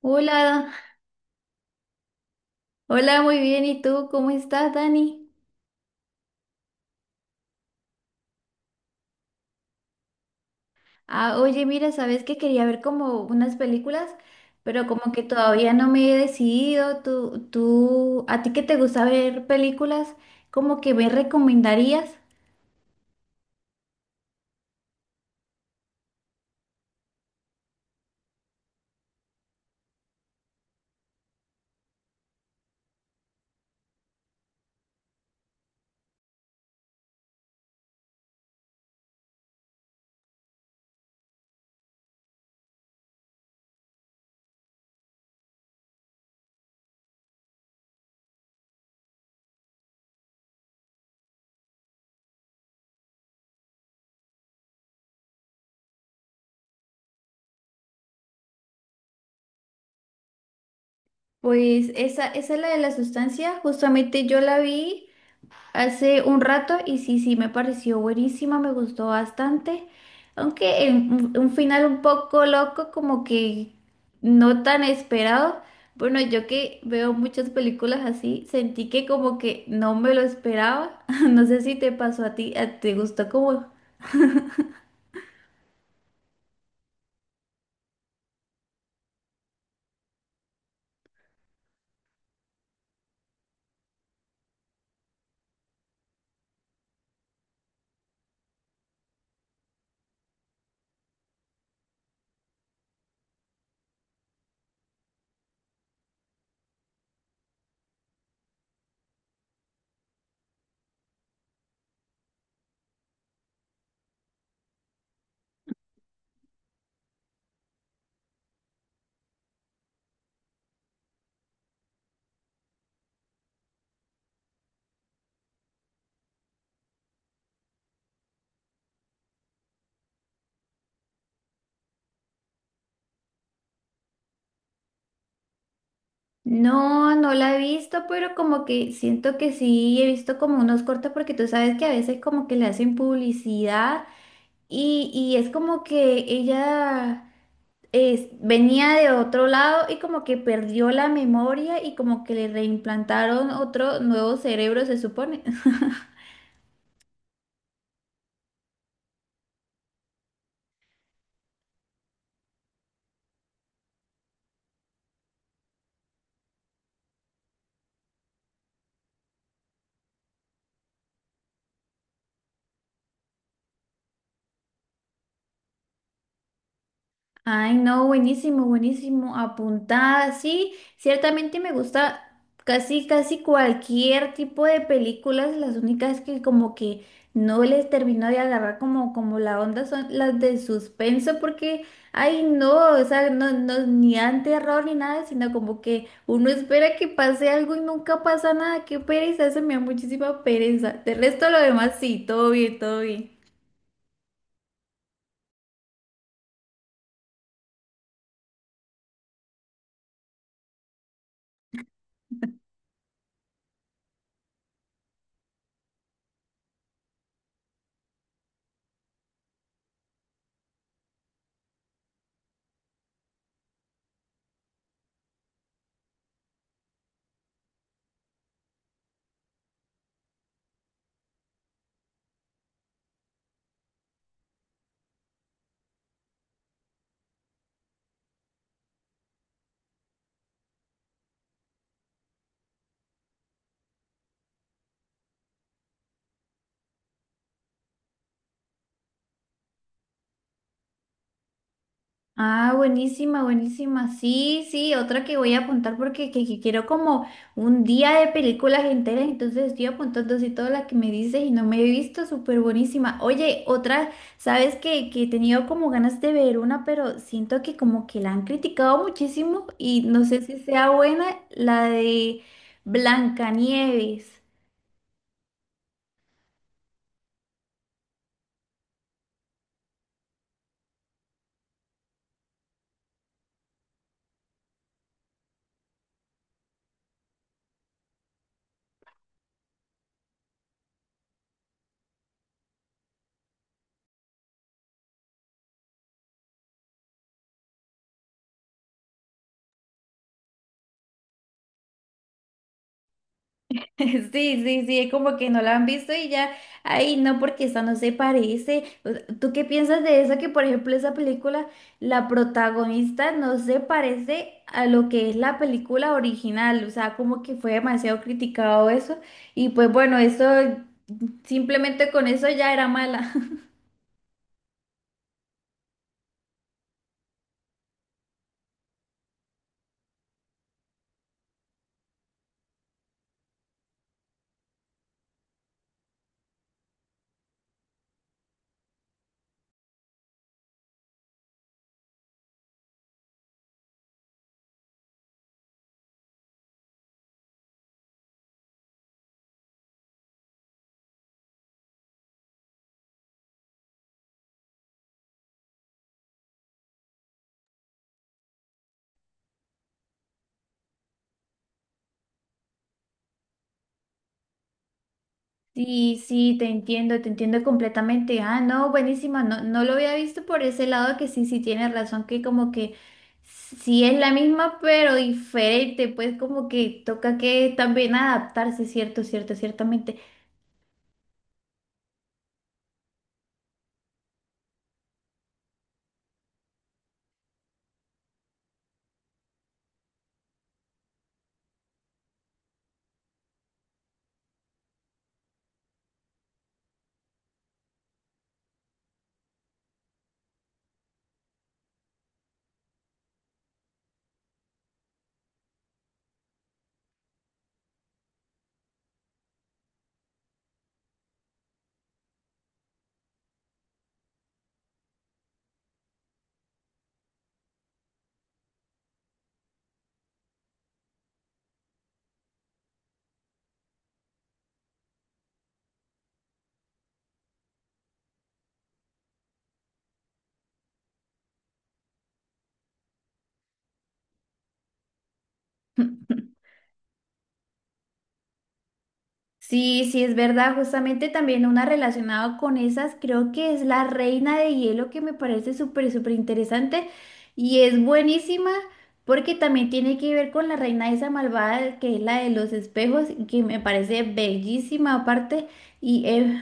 Hola, hola, muy bien. ¿Y tú cómo estás, Dani? Ah, oye, mira, sabes que quería ver como unas películas, pero como que todavía no me he decidido. Tú, ¿a ti que te gusta ver películas? ¿Como que me recomendarías? Pues esa es la de la sustancia. Justamente yo la vi hace un rato y sí, sí, me pareció buenísima, me gustó bastante, aunque en un final un poco loco, como que no tan esperado. Bueno, yo que veo muchas películas así, sentí que como que no me lo esperaba. No sé si te pasó a ti, ¿te gustó como... No, no la he visto, pero como que siento que sí, he visto como unos cortos porque tú sabes que a veces como que le hacen publicidad y es como que ella... venía de otro lado y como que perdió la memoria y como que le reimplantaron otro nuevo cerebro, se supone. Ay, no, buenísimo, buenísimo. Apuntada, sí, ciertamente me gusta casi, casi cualquier tipo de películas. Las únicas que como que no les termino de agarrar como, como la onda son las de suspenso, porque, ay, no, o sea, no, no, ni dan terror ni nada, sino como que uno espera que pase algo y nunca pasa nada. Qué pereza, eso me da muchísima pereza. De resto, lo demás, sí, todo bien, todo bien. Ah, buenísima, buenísima. Sí, sí, otra que voy a apuntar porque que quiero como un día de películas enteras, entonces estoy apuntando así todas las que me dices y no me he visto, súper buenísima. Oye, otra, sabes que he tenido como ganas de ver una, pero siento que como que la han criticado muchísimo y no sé si sea buena la de Blancanieves. Sí, sí, sí, es como que no la han visto y ya, ay, no, porque esa no se parece. O sea, ¿tú qué piensas de eso? Que por ejemplo esa película, la protagonista no se parece a lo que es la película original, o sea, como que fue demasiado criticado eso y pues bueno, eso simplemente con eso ya era mala. Sí, sí, te entiendo completamente. Ah, no, buenísima, no, no lo había visto por ese lado que sí, sí tienes razón, que como que sí es la misma, pero diferente, pues como que toca que también adaptarse, cierto, cierto, ciertamente. Sí, sí, es verdad. Justamente también una relacionada con esas, creo que es la Reina de Hielo, que me parece súper, súper interesante y es buenísima porque también tiene que ver con la reina esa malvada que es la de los espejos y que me parece bellísima aparte y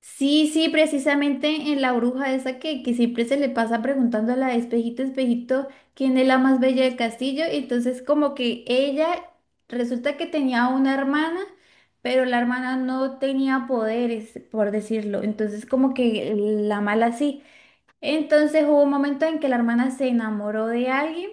sí, sí, precisamente en la bruja esa que siempre se le pasa preguntando a la espejito, espejito, quién es la más bella del castillo. Y entonces como que ella resulta que tenía una hermana, pero la hermana no tenía poderes, por decirlo. Entonces como que la mala sí. Entonces hubo un momento en que la hermana se enamoró de alguien.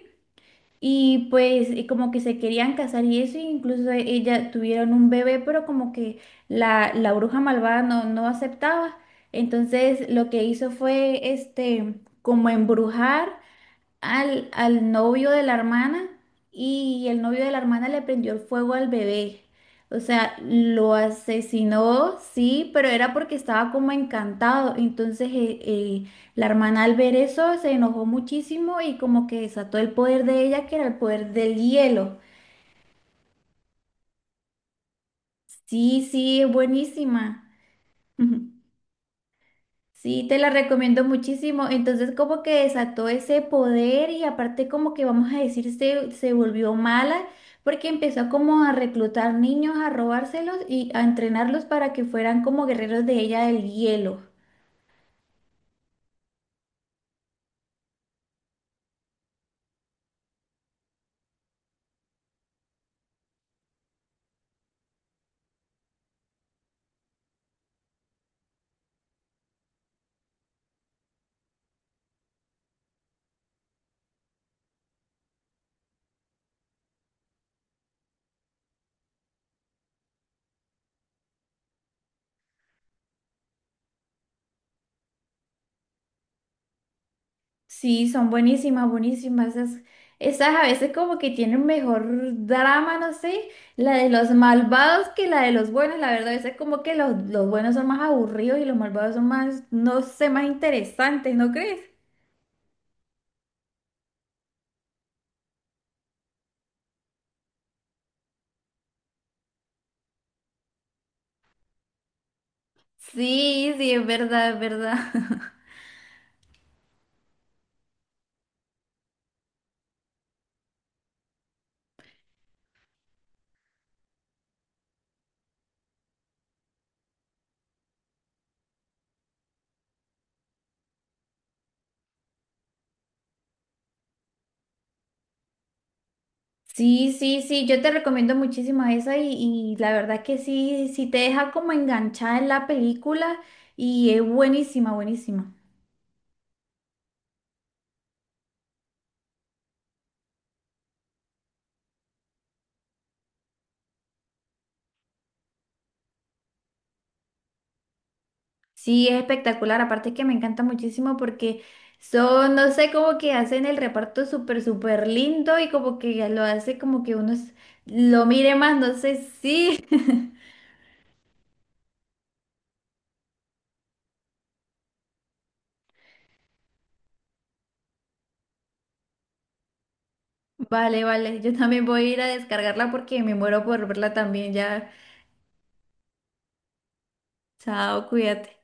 Y pues y como que se querían casar y eso, e incluso ella tuvieron un bebé, pero como que la bruja malvada no, no aceptaba. Entonces lo que hizo fue este como embrujar al novio de la hermana y el novio de la hermana le prendió el fuego al bebé. O sea, lo asesinó, sí, pero era porque estaba como encantado. Entonces, la hermana al ver eso se enojó muchísimo y como que desató el poder de ella, que era el poder del hielo. Sí, sí, es buenísima. Sí, te la recomiendo muchísimo. Entonces como que desató ese poder y aparte como que vamos a decir se volvió mala porque empezó como a reclutar niños, a robárselos y a entrenarlos para que fueran como guerreros de ella del hielo. Sí, son buenísimas, buenísimas. Esas, esas a veces como que tienen mejor drama, no sé, la de los malvados que la de los buenos. La verdad, a veces como que los buenos son más aburridos y los malvados son más, no sé, más interesantes, ¿no crees? Sí, sí, es verdad, es verdad. Sí, sí, sí, yo te recomiendo muchísimo esa y la verdad que sí, sí te deja como enganchada en la película y es buenísima, buenísima. Sí, es espectacular, aparte que me encanta muchísimo porque son, no sé, como que hacen el reparto súper, súper lindo y como que ya lo hace como que lo mire más, no sé, sí. Vale, vale, yo también voy a ir a descargarla porque me muero por verla también ya. Chao, cuídate.